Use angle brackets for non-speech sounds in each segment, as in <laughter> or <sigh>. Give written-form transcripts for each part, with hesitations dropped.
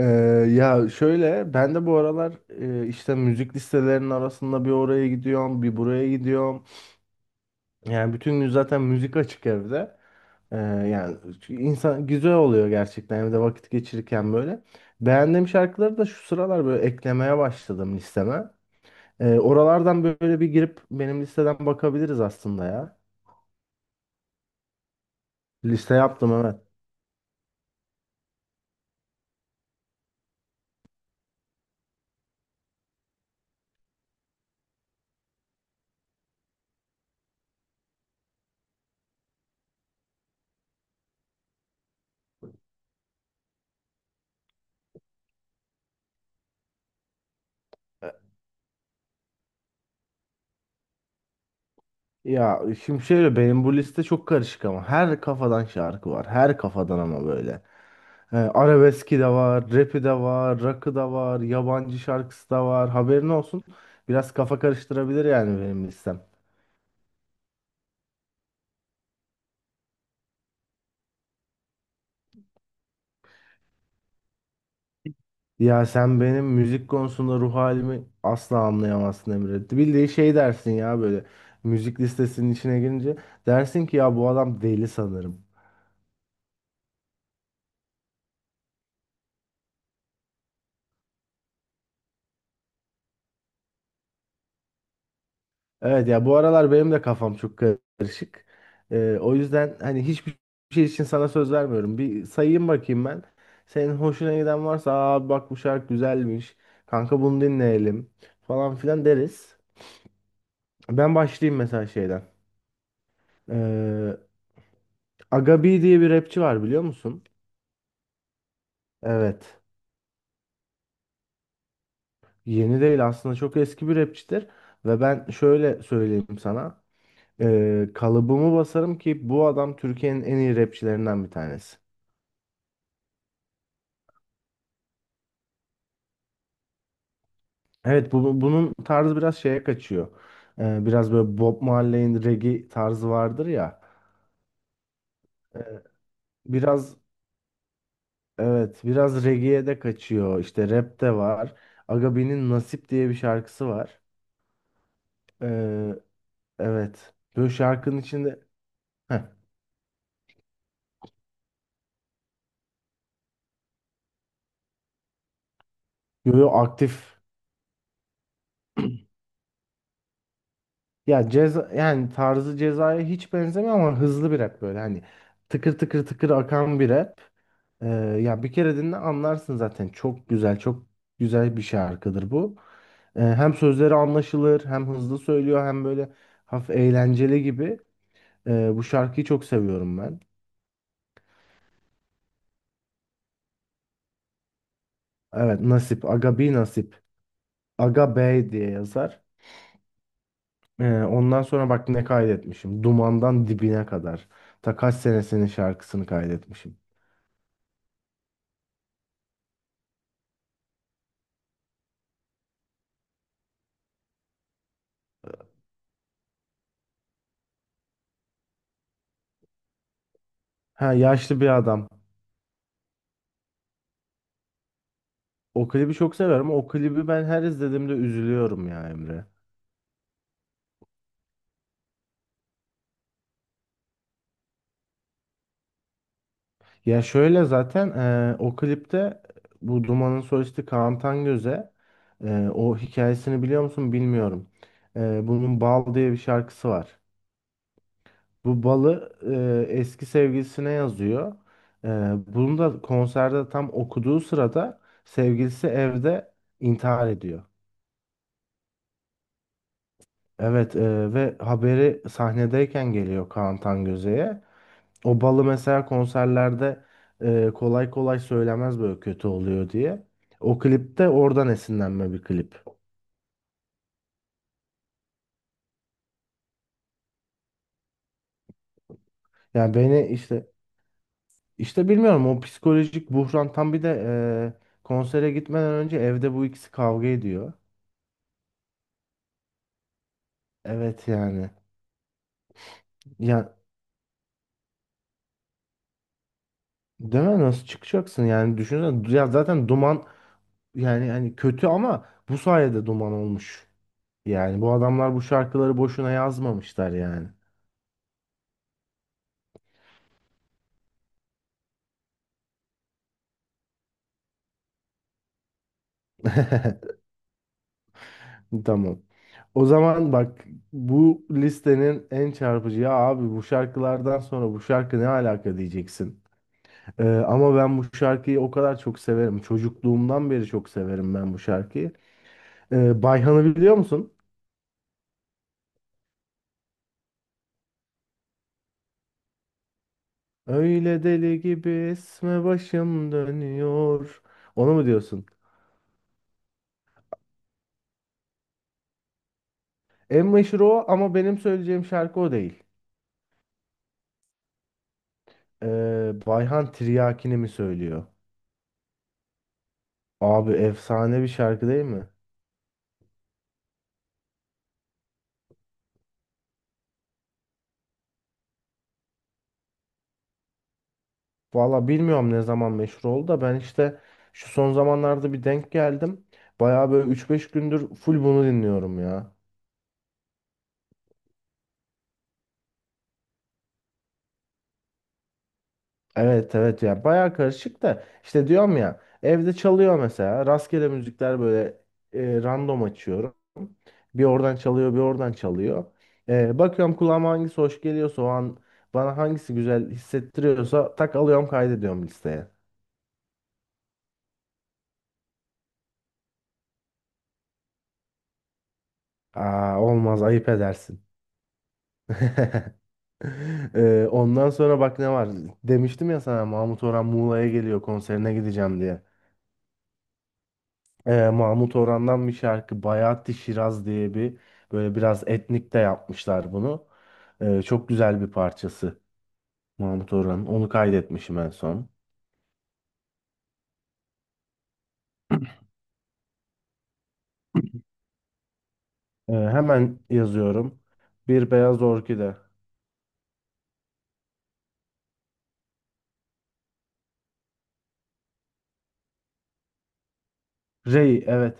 Ee, ya şöyle ben de bu aralar işte müzik listelerinin arasında bir oraya gidiyorum bir buraya gidiyorum. Yani bütün gün zaten müzik açık evde. Yani insan güzel oluyor gerçekten evde vakit geçirirken böyle. Beğendiğim şarkıları da şu sıralar böyle eklemeye başladım listeme. Oralardan böyle bir girip benim listeden bakabiliriz aslında ya. Liste yaptım, evet. Ya şimdi şöyle, benim bu liste çok karışık ama her kafadan şarkı var. Her kafadan ama böyle. He, arabeski de var, rapi de var, rock'ı da var, yabancı şarkısı da var. Haberin olsun. Biraz kafa karıştırabilir yani benim listem. Ya sen benim müzik konusunda ruh halimi asla anlayamazsın Emre. Bildiği şey dersin ya böyle. Müzik listesinin içine girince dersin ki ya bu adam deli sanırım. Evet ya, bu aralar benim de kafam çok karışık. O yüzden hani hiçbir şey için sana söz vermiyorum. Bir sayayım bakayım ben. Senin hoşuna giden varsa aa bak bu şarkı güzelmiş. Kanka bunu dinleyelim falan filan deriz. Ben başlayayım mesela şeyden. Ee, Aga B diye bir rapçi var, biliyor musun? Evet. Yeni değil aslında, çok eski bir rapçidir. Ve ben şöyle söyleyeyim sana. Kalıbımı basarım ki bu adam Türkiye'nin en iyi rapçilerinden bir tanesi. Evet bunun tarzı biraz şeye kaçıyor. Biraz böyle Bob Marley'in reggae tarzı vardır ya. Biraz, evet biraz reggae'ye de kaçıyor. İşte rap de var. Agabi'nin Nasip diye bir şarkısı var. Ee, evet. Böyle şarkının içinde. Heh, yo aktif. Ya ceza yani, tarzı Ceza'ya hiç benzemiyor ama hızlı bir rap böyle hani tıkır tıkır tıkır akan bir rap. Ee, Ya bir kere dinle anlarsın zaten. Çok güzel, çok güzel bir şarkıdır bu. Hem sözleri anlaşılır, hem hızlı söylüyor, hem böyle hafif eğlenceli gibi. Bu şarkıyı çok seviyorum ben. Evet, Nasip, Aga B Nasip, Aga Bey diye yazar. Ondan sonra bak ne kaydetmişim. Dumandan dibine kadar. Ta kaç senesinin şarkısını kaydetmişim. Ha, yaşlı bir adam. O klibi çok severim. O klibi ben her izlediğimde üzülüyorum ya Emre. Ya şöyle, zaten o klipte bu Duman'ın solisti Kaan Tangöze, o hikayesini biliyor musun bilmiyorum. Bunun Bal diye bir şarkısı var. Bu balı eski sevgilisine yazıyor. Eee bunu da konserde tam okuduğu sırada sevgilisi evde intihar ediyor. Evet ve haberi sahnedeyken geliyor Kaan Tangöze'ye. O balı mesela konserlerde kolay kolay söylemez, böyle kötü oluyor diye. O klipte oradan esinlenme bir klip. Yani beni işte bilmiyorum, o psikolojik buhran tam, bir de konsere gitmeden önce evde bu ikisi kavga ediyor. Evet yani. Ya deme, nasıl çıkacaksın yani, düşünsene ya, zaten duman, yani hani kötü ama bu sayede duman olmuş. Yani bu adamlar bu şarkıları boşuna yazmamışlar yani. <laughs> Tamam. O zaman bak, bu listenin en çarpıcı ya abi, bu şarkılardan sonra bu şarkı ne alaka diyeceksin. Ama ben bu şarkıyı o kadar çok severim. Çocukluğumdan beri çok severim ben bu şarkıyı. Bayhan'ı biliyor musun? Öyle deli gibi esme, başım dönüyor. Onu mu diyorsun? En meşhur o ama benim söyleyeceğim şarkı o değil. Bayhan Tiryaki'ni mi söylüyor? Abi efsane bir şarkı değil mi? Valla bilmiyorum ne zaman meşhur oldu da ben işte şu son zamanlarda bir denk geldim. Baya böyle üç beş gündür full bunu dinliyorum ya. Evet evet ya, baya karışık da işte, diyorum ya evde çalıyor mesela rastgele müzikler böyle, random açıyorum. Bir oradan çalıyor bir oradan çalıyor. Bakıyorum kulağıma hangisi hoş geliyorsa o an, bana hangisi güzel hissettiriyorsa tak alıyorum kaydediyorum listeye. Aa olmaz, ayıp edersin. <laughs> Ondan sonra bak ne var. Demiştim ya sana, Mahmut Orhan Muğla'ya geliyor konserine gideceğim diye. Mahmut Orhan'dan bir şarkı, Bayat-ı Şiraz diye bir, böyle biraz etnik de yapmışlar bunu. Çok güzel bir parçası Mahmut Orhan'ın. Onu kaydetmişim en son. Hemen yazıyorum. Bir Beyaz Orkide. Rey, evet.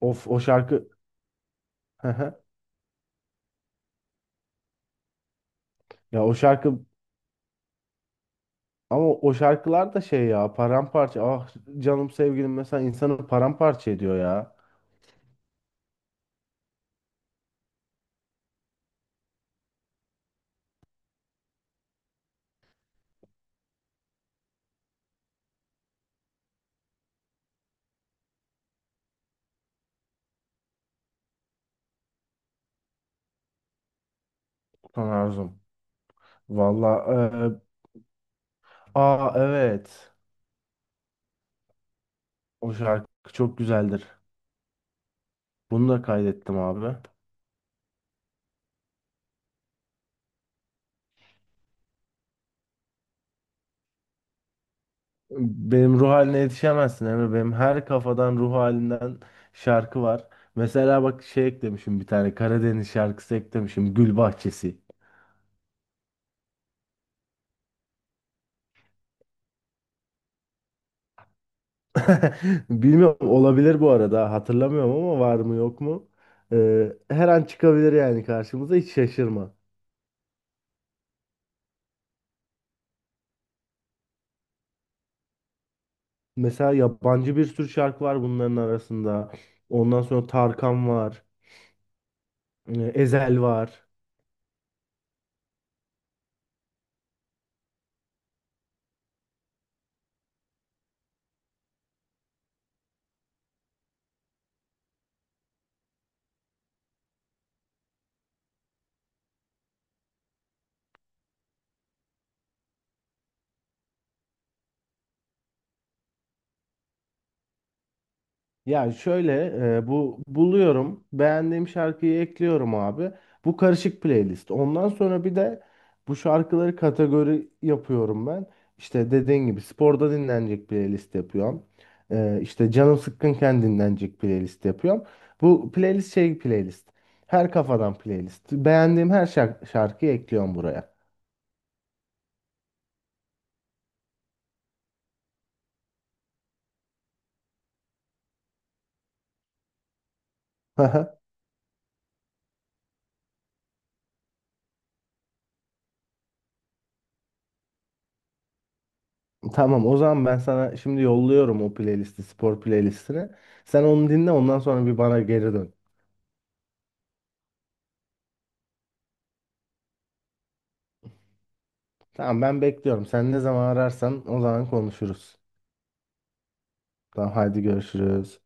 Of, o şarkı. <laughs> Hı hı. Ya o şarkı, ama o şarkılar da şey ya, paramparça. Ah Canım Sevgilim mesela insanı paramparça ediyor ya. Son Arzum. Valla aa, evet. O şarkı çok güzeldir. Bunu da kaydettim abi. Benim ruh haline yetişemezsin Emre. Benim her kafadan ruh halinden şarkı var. Mesela bak şey eklemişim, bir tane Karadeniz şarkısı eklemişim. Gül Bahçesi. <laughs> Bilmiyorum, olabilir bu arada. Hatırlamıyorum ama var mı yok mu? E, her an çıkabilir yani karşımıza, hiç şaşırma. Mesela yabancı bir sürü şarkı var bunların arasında. Ondan sonra Tarkan var. E, Ezel var. Ya şöyle, bu buluyorum. Beğendiğim şarkıyı ekliyorum abi. Bu karışık playlist. Ondan sonra bir de bu şarkıları kategori yapıyorum ben. İşte dediğin gibi sporda dinlenecek playlist yapıyorum. E, işte canım sıkkınken dinlenecek playlist yapıyorum. Bu playlist şey playlist. Her kafadan playlist. Beğendiğim her şarkıyı ekliyorum buraya. <laughs> Tamam, o zaman ben sana şimdi yolluyorum o playlisti, spor playlistini. Sen onu dinle, ondan sonra bir bana geri dön. Tamam ben bekliyorum. Sen ne zaman ararsan o zaman konuşuruz. Tamam hadi, görüşürüz.